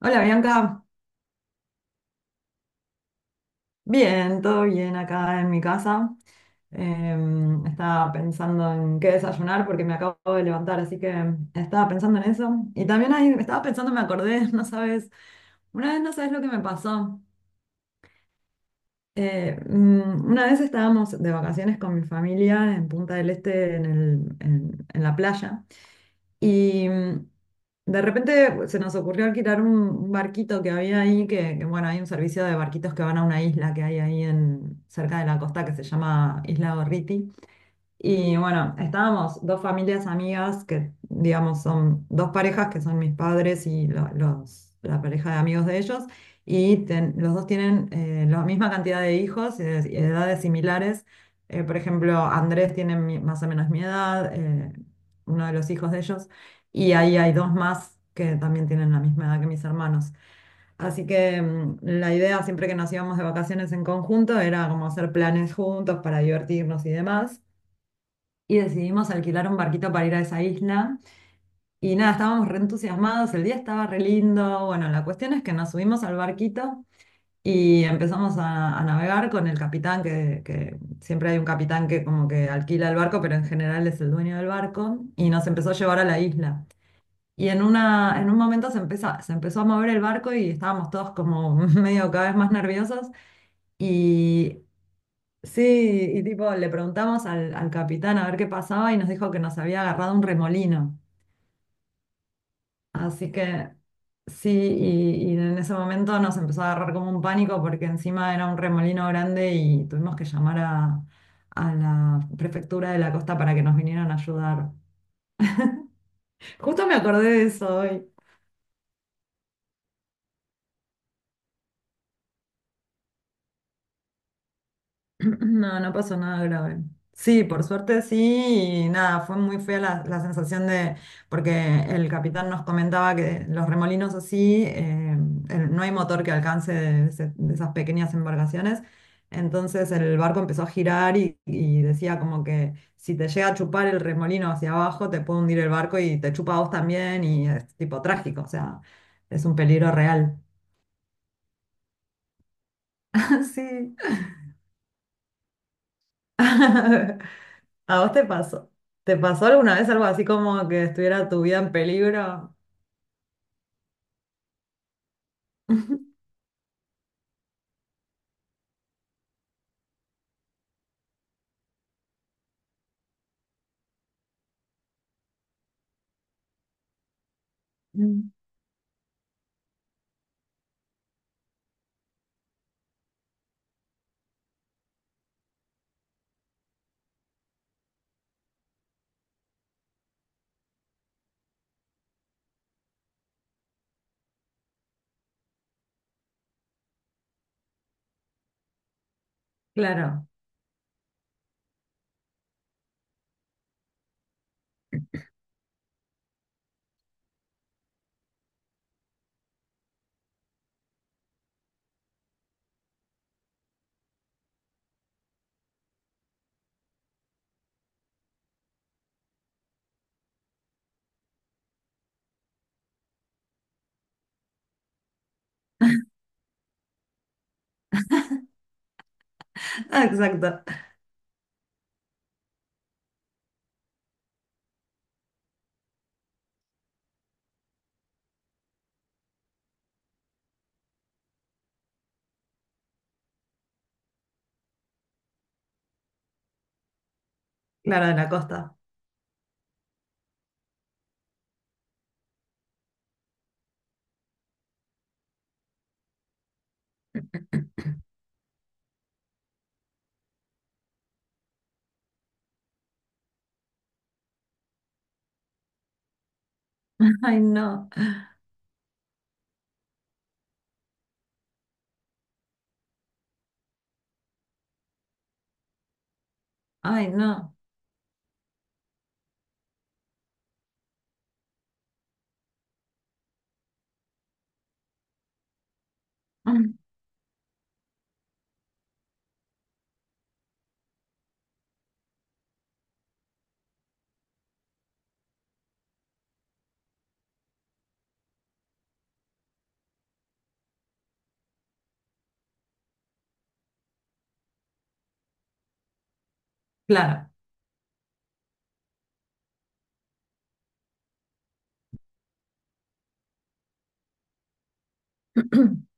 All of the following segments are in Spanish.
Hola Bianca, bien, todo bien acá en mi casa. Estaba pensando en qué desayunar porque me acabo de levantar, así que estaba pensando en eso. Y también ahí estaba pensando, me acordé, no sabes, una vez no sabes lo que me pasó. Una vez estábamos de vacaciones con mi familia en Punta del Este, en la playa. Y mm, de repente pues, se nos ocurrió alquilar un barquito que había ahí, que, bueno, hay un servicio de barquitos que van a una isla que hay ahí en, cerca de la costa que se llama Isla Gorriti. Y bueno, estábamos dos familias amigas que, digamos, son dos parejas que son mis padres y los, la pareja de amigos de ellos. Los dos tienen la misma cantidad de hijos y de edades similares. Por ejemplo, Andrés tiene más o menos mi edad, uno de los hijos de ellos. Y ahí hay dos más que también tienen la misma edad que mis hermanos. Así que la idea siempre que nos íbamos de vacaciones en conjunto era como hacer planes juntos para divertirnos y demás y decidimos alquilar un barquito para ir a esa isla. Y nada, estábamos re entusiasmados, el día estaba re lindo. Bueno, la cuestión es que nos subimos al barquito y empezamos a navegar con el capitán, que siempre hay un capitán que como que alquila el barco, pero en general es el dueño del barco, y nos empezó a llevar a la isla. En un momento se empezó a mover el barco y estábamos todos como medio cada vez más nerviosos. Y sí, y tipo, le preguntamos al capitán a ver qué pasaba y nos dijo que nos había agarrado un remolino. Así que sí, y en ese momento nos empezó a agarrar como un pánico porque encima era un remolino grande y tuvimos que llamar a la prefectura de la costa para que nos vinieran a ayudar. Justo me acordé de eso hoy. No, no pasó nada grave. Sí, por suerte sí, y nada, fue muy fea la, la sensación de, porque el capitán nos comentaba que los remolinos así, no hay motor que alcance de, de esas pequeñas embarcaciones, entonces el barco empezó a girar y decía como que si te llega a chupar el remolino hacia abajo, te puede hundir el barco y te chupa a vos también y es tipo trágico, o sea, es un peligro real. Sí. ¿A vos te pasó? ¿Te pasó alguna vez algo así como que estuviera tu vida en peligro? Mm. Claro. Ah, exacto. Claro, de la costa. Ay, no. Ay, no. Mm. Claro.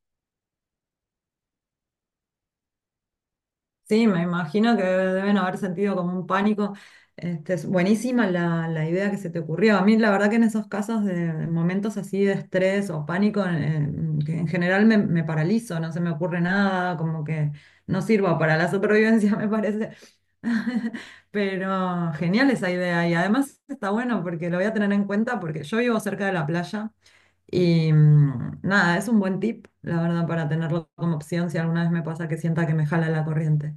Sí, me imagino que deben haber sentido como un pánico. Este, es buenísima la, la idea que se te ocurrió. A mí la verdad que en esos casos de momentos así de estrés o pánico, en, que en general me, me paralizo, no se me ocurre nada, como que no sirvo para la supervivencia, me parece. Pero genial esa idea y además está bueno porque lo voy a tener en cuenta porque yo vivo cerca de la playa y nada, es un buen tip, la verdad, para tenerlo como opción si alguna vez me pasa que sienta que me jala la corriente.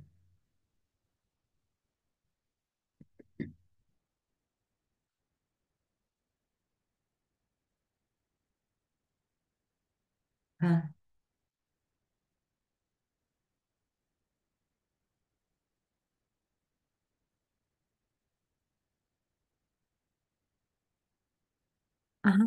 Ah, ajá,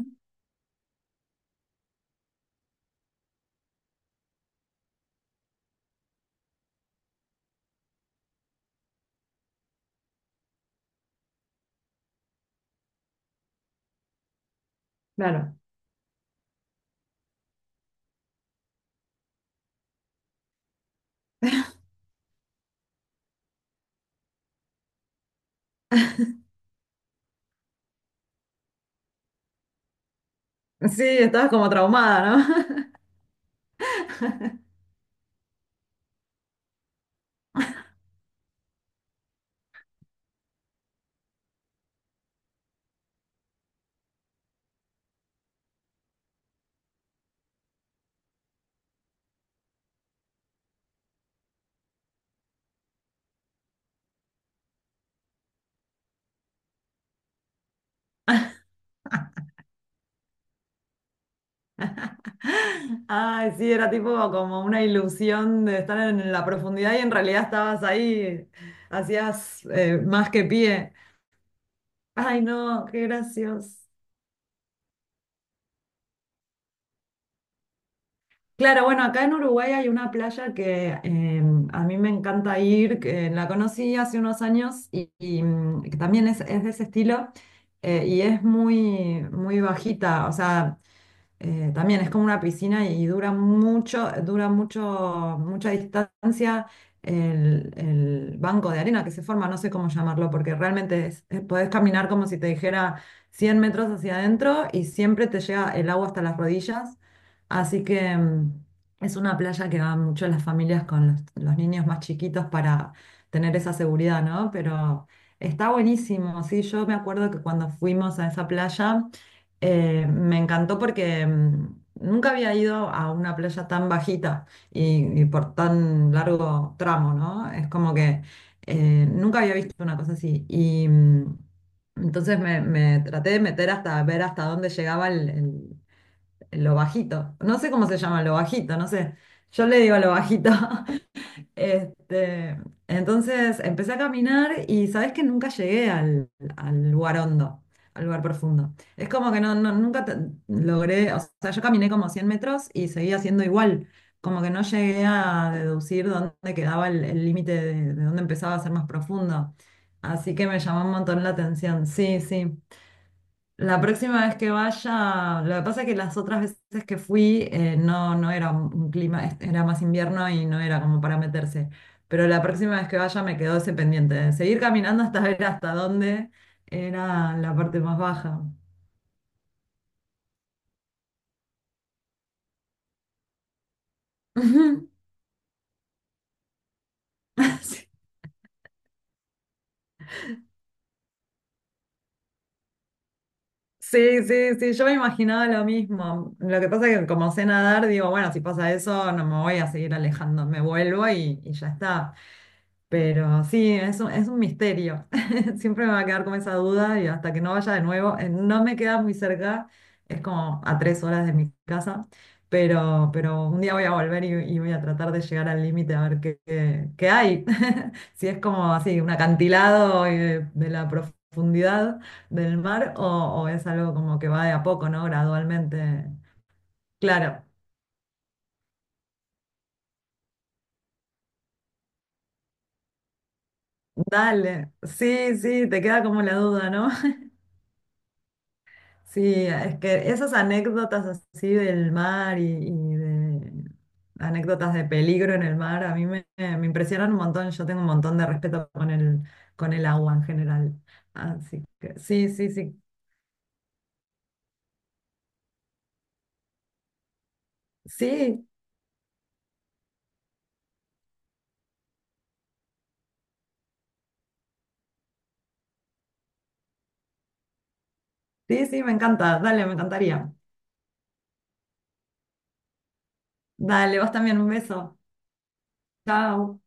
claro. Sí, estabas como traumada, ¿no? Ay, sí, era tipo como una ilusión de estar en la profundidad y en realidad estabas ahí, hacías más que pie. Ay, no, qué gracioso. Claro, bueno, acá en Uruguay hay una playa que a mí me encanta ir, que la conocí hace unos años y, que también es de ese estilo y es muy, muy bajita, o sea... También es como una piscina y dura mucho, mucha distancia el banco de arena que se forma, no sé cómo llamarlo, porque realmente podés caminar como si te dijera 100 metros hacia adentro y siempre te llega el agua hasta las rodillas. Así que es una playa que van mucho las familias con los niños más chiquitos para tener esa seguridad, ¿no? Pero está buenísimo, sí, yo me acuerdo que cuando fuimos a esa playa... Me encantó porque nunca había ido a una playa tan bajita y por tan largo tramo, ¿no? Es como que nunca había visto una cosa así. Y entonces me traté de meter hasta ver hasta dónde llegaba lo bajito. No sé cómo se llama, lo bajito, no sé. Yo le digo lo bajito. Este, entonces empecé a caminar y sabes que nunca llegué al, al lugar hondo, al lugar profundo. Es como que nunca logré, o sea, yo caminé como 100 metros y seguía siendo igual, como que no llegué a deducir dónde quedaba el límite de dónde empezaba a ser más profundo. Así que me llamó un montón la atención, sí, sí. La próxima vez que vaya, lo que pasa es que las otras veces que fui no, no era un clima, era más invierno y no era como para meterse. Pero la próxima vez que vaya me quedó ese pendiente de seguir caminando hasta ver hasta dónde era la parte más baja. Ujú. Sí, sí, sí, sí, yo me imaginaba lo mismo. Lo que pasa es que como sé nadar, digo, bueno, si pasa eso, no me voy a seguir alejando, me vuelvo y ya está. Pero sí, es un misterio. Siempre me va a quedar con esa duda y hasta que no vaya de nuevo, no me queda muy cerca, es como a 3 horas de mi casa, pero un día voy a volver y voy a tratar de llegar al límite a ver qué, qué hay. Si es como así, un acantilado de, la profundidad del mar o es algo como que va de a poco, ¿no? Gradualmente. Claro, dale. Sí, sí, te queda como la duda, ¿no? Sí, es que esas anécdotas así del mar y de anécdotas de peligro en el mar a mí me, me impresionan un montón. Yo tengo un montón de respeto con el agua en general. Así que sí, sí, sí. Sí, sí, sí, me encanta. Dale, me encantaría. Dale, vos también, un beso. Chao.